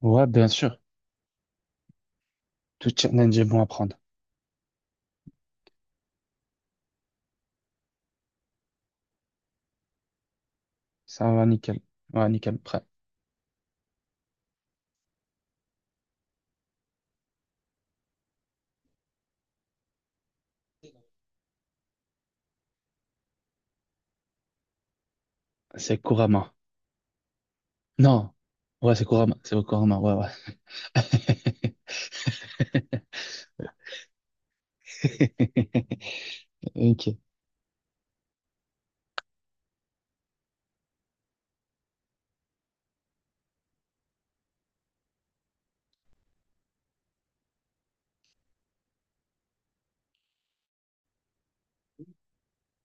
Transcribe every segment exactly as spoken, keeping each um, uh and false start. Ouais, bien sûr. Tout challenge est bon à prendre. Ça va nickel. Ouais, nickel. Prêt. C'est Kurama. Non. Ouais, c'est Kurama. C'est Kurama. Ouais, ouais. Ok.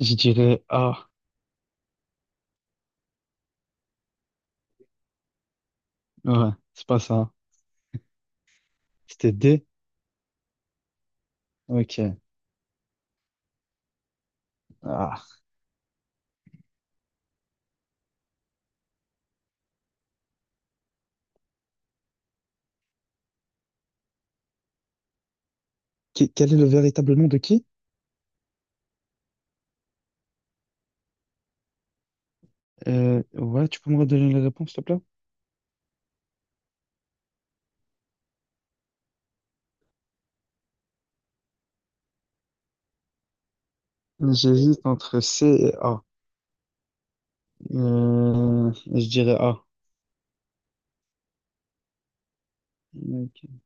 Je dirais A. Ouais, c'est pas ça. C'était D. Ok. Ah. Qui- Quel est le véritable nom de qui? Euh, ouais, tu peux me redonner les réponses, s'il te plaît? J'hésite entre C et A. Euh, je dirais A. Ok.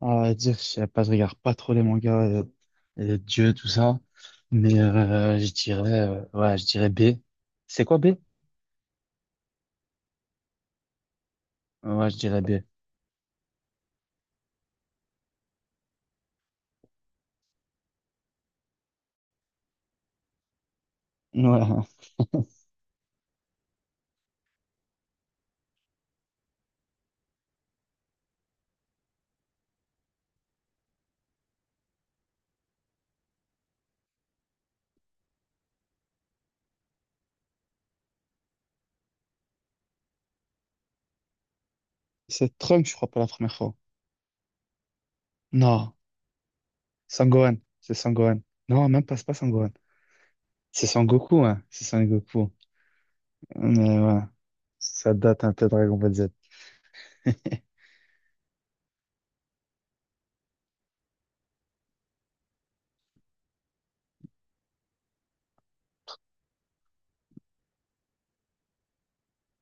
À dire, je sais pas, je regarde pas trop les mangas, euh, euh, Dieu, tout ça. Mais euh, je dirais, euh, ouais, je dirais B. C'est quoi B? Ouais, je dirais B. Ouais. C'est Trump, je crois, pour la première fois. Non, Sangohan. C'est Sangohan. Non, même pas, c'est pas Sangohan. C'est Sangoku, hein. C'est Sangoku. Mais ouais, ça date un peu de Dragon Ball Z.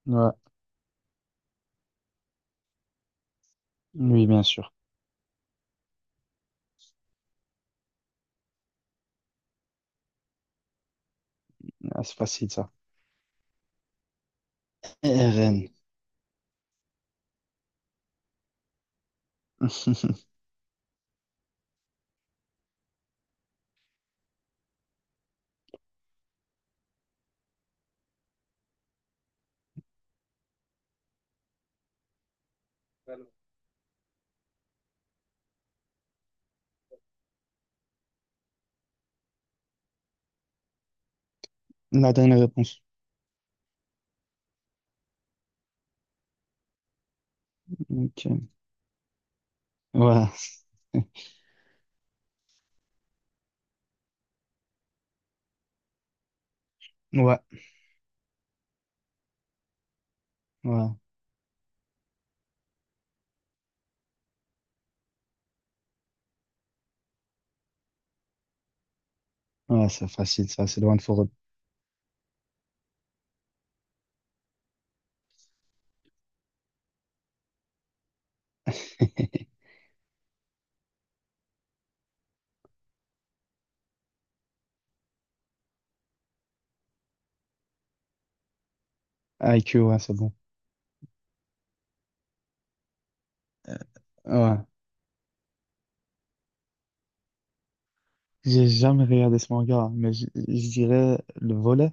Ouais, oui, bien sûr. Ah, c'est facile, ça. R N. La dernière réponse. Ok. Ouais. Ouais. Ouais. Ouais, c'est facile, ça, c'est loin de Forêt. I Q, ouais, c'est bon. Ouais. J'ai jamais regardé ce manga, mais je je dirais le volet.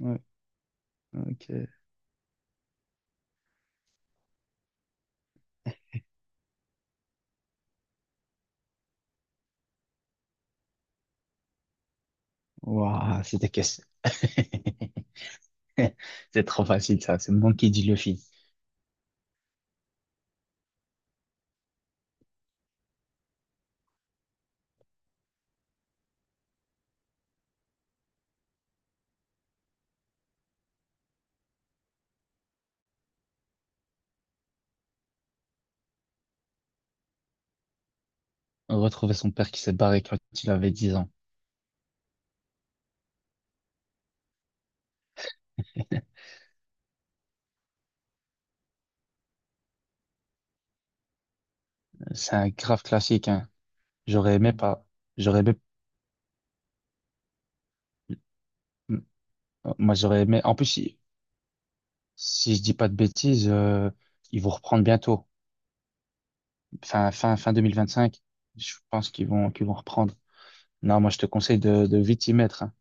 Ouais, ok. Waouh, c'était question. C'est trop facile, ça. C'est moi qui dis Luffy. Retrouver son père qui s'est barré quand il avait dix ans. C'est un grave classique, hein. J'aurais aimé pas. J'aurais aimé. Moi, j'aurais aimé. En plus, si je dis pas de bêtises, euh, ils vont reprendre bientôt. Fin, fin, fin vingt vingt-cinq, je pense qu'ils vont, qu'ils vont reprendre. Non, moi, je te conseille de, de vite y mettre, hein.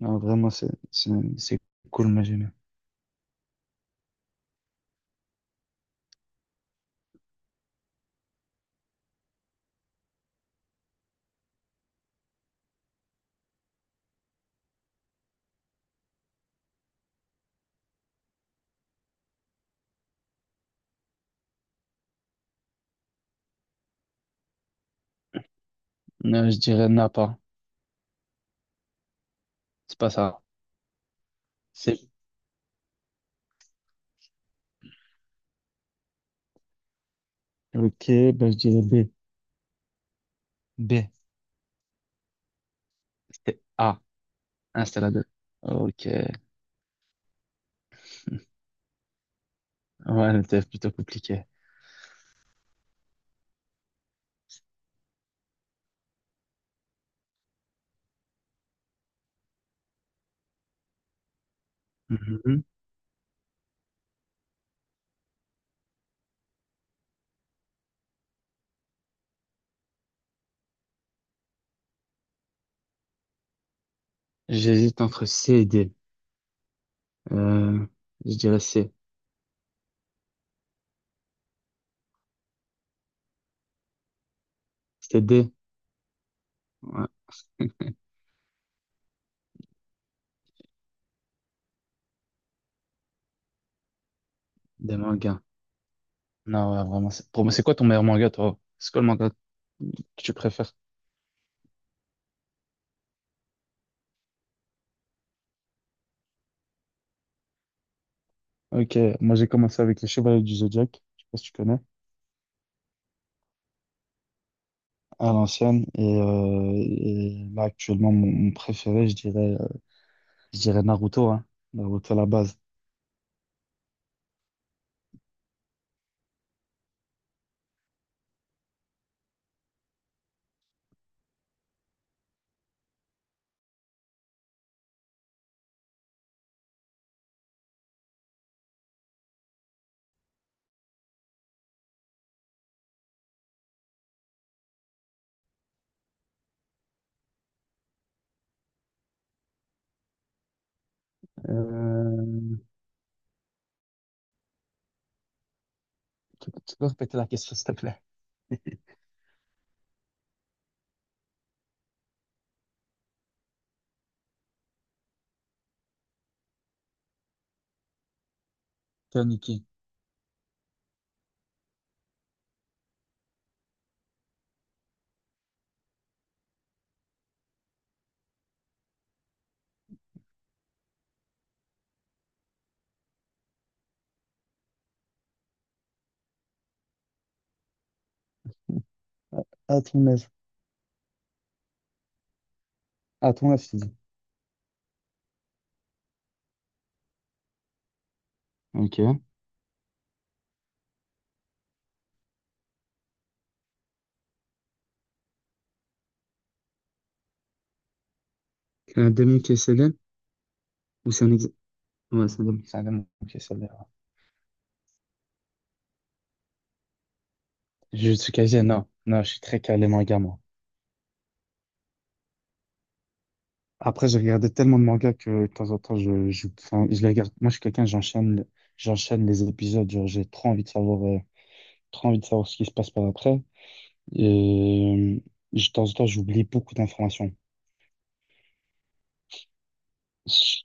Non, vraiment, c'est, c'est, c'est cool, moi, j'aime bien. Non, je dirais Napa. C'est pas ça. C'est, ok, ben, je dirais B. B. C'était A. Hein, c'était la deux. Ok. Ouais, c'était plutôt compliqué. Mhm. J'hésite entre C et D. Euh, je dirais C. C'était D. Ouais, des mangas. Non, ouais, vraiment, c'est- pour moi, c'est quoi ton meilleur manga, toi? C'est quoi le manga que tu préfères? Ok, moi j'ai commencé avec les Chevaliers du Zodiaque, je sais pas si tu connais, à l'ancienne. Et, euh, et là, actuellement, mon, mon préféré, je dirais, euh, je dirais Naruto, hein. Naruto à la base. Euh, tu, tu peux répéter la question, s'il te plaît? Kaneki. À ton âge. À ton âge, tu dis. Ok. C'est un démon qui est célèbre ou c'est un ex... Ouais, c'est un démon. C'est un démon qui est célèbre. Je suis non. Non, je suis très calé manga, moi. Après, j'ai regardé tellement de mangas que de temps en temps, je, je, enfin, je les regarde. Moi, je suis quelqu'un, j'enchaîne, j'enchaîne les épisodes. Genre, j'ai trop envie de savoir, euh, trop envie de savoir ce qui se passe par après. Et euh, de temps en temps, j'oublie beaucoup d'informations. Ça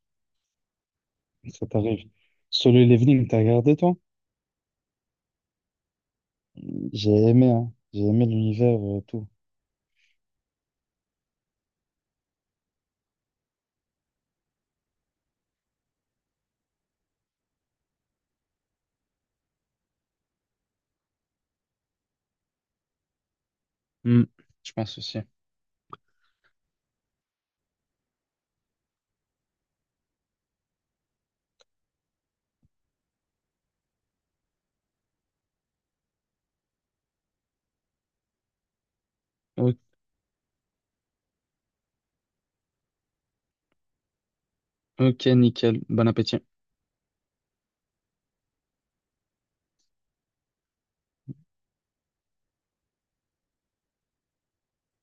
t'arrive. Solo Leveling, t'as regardé, toi? J'ai aimé, hein. J'ai aimé l'univers, euh, tout. Hmm, je pense aussi. O- ok, nickel. Bon appétit.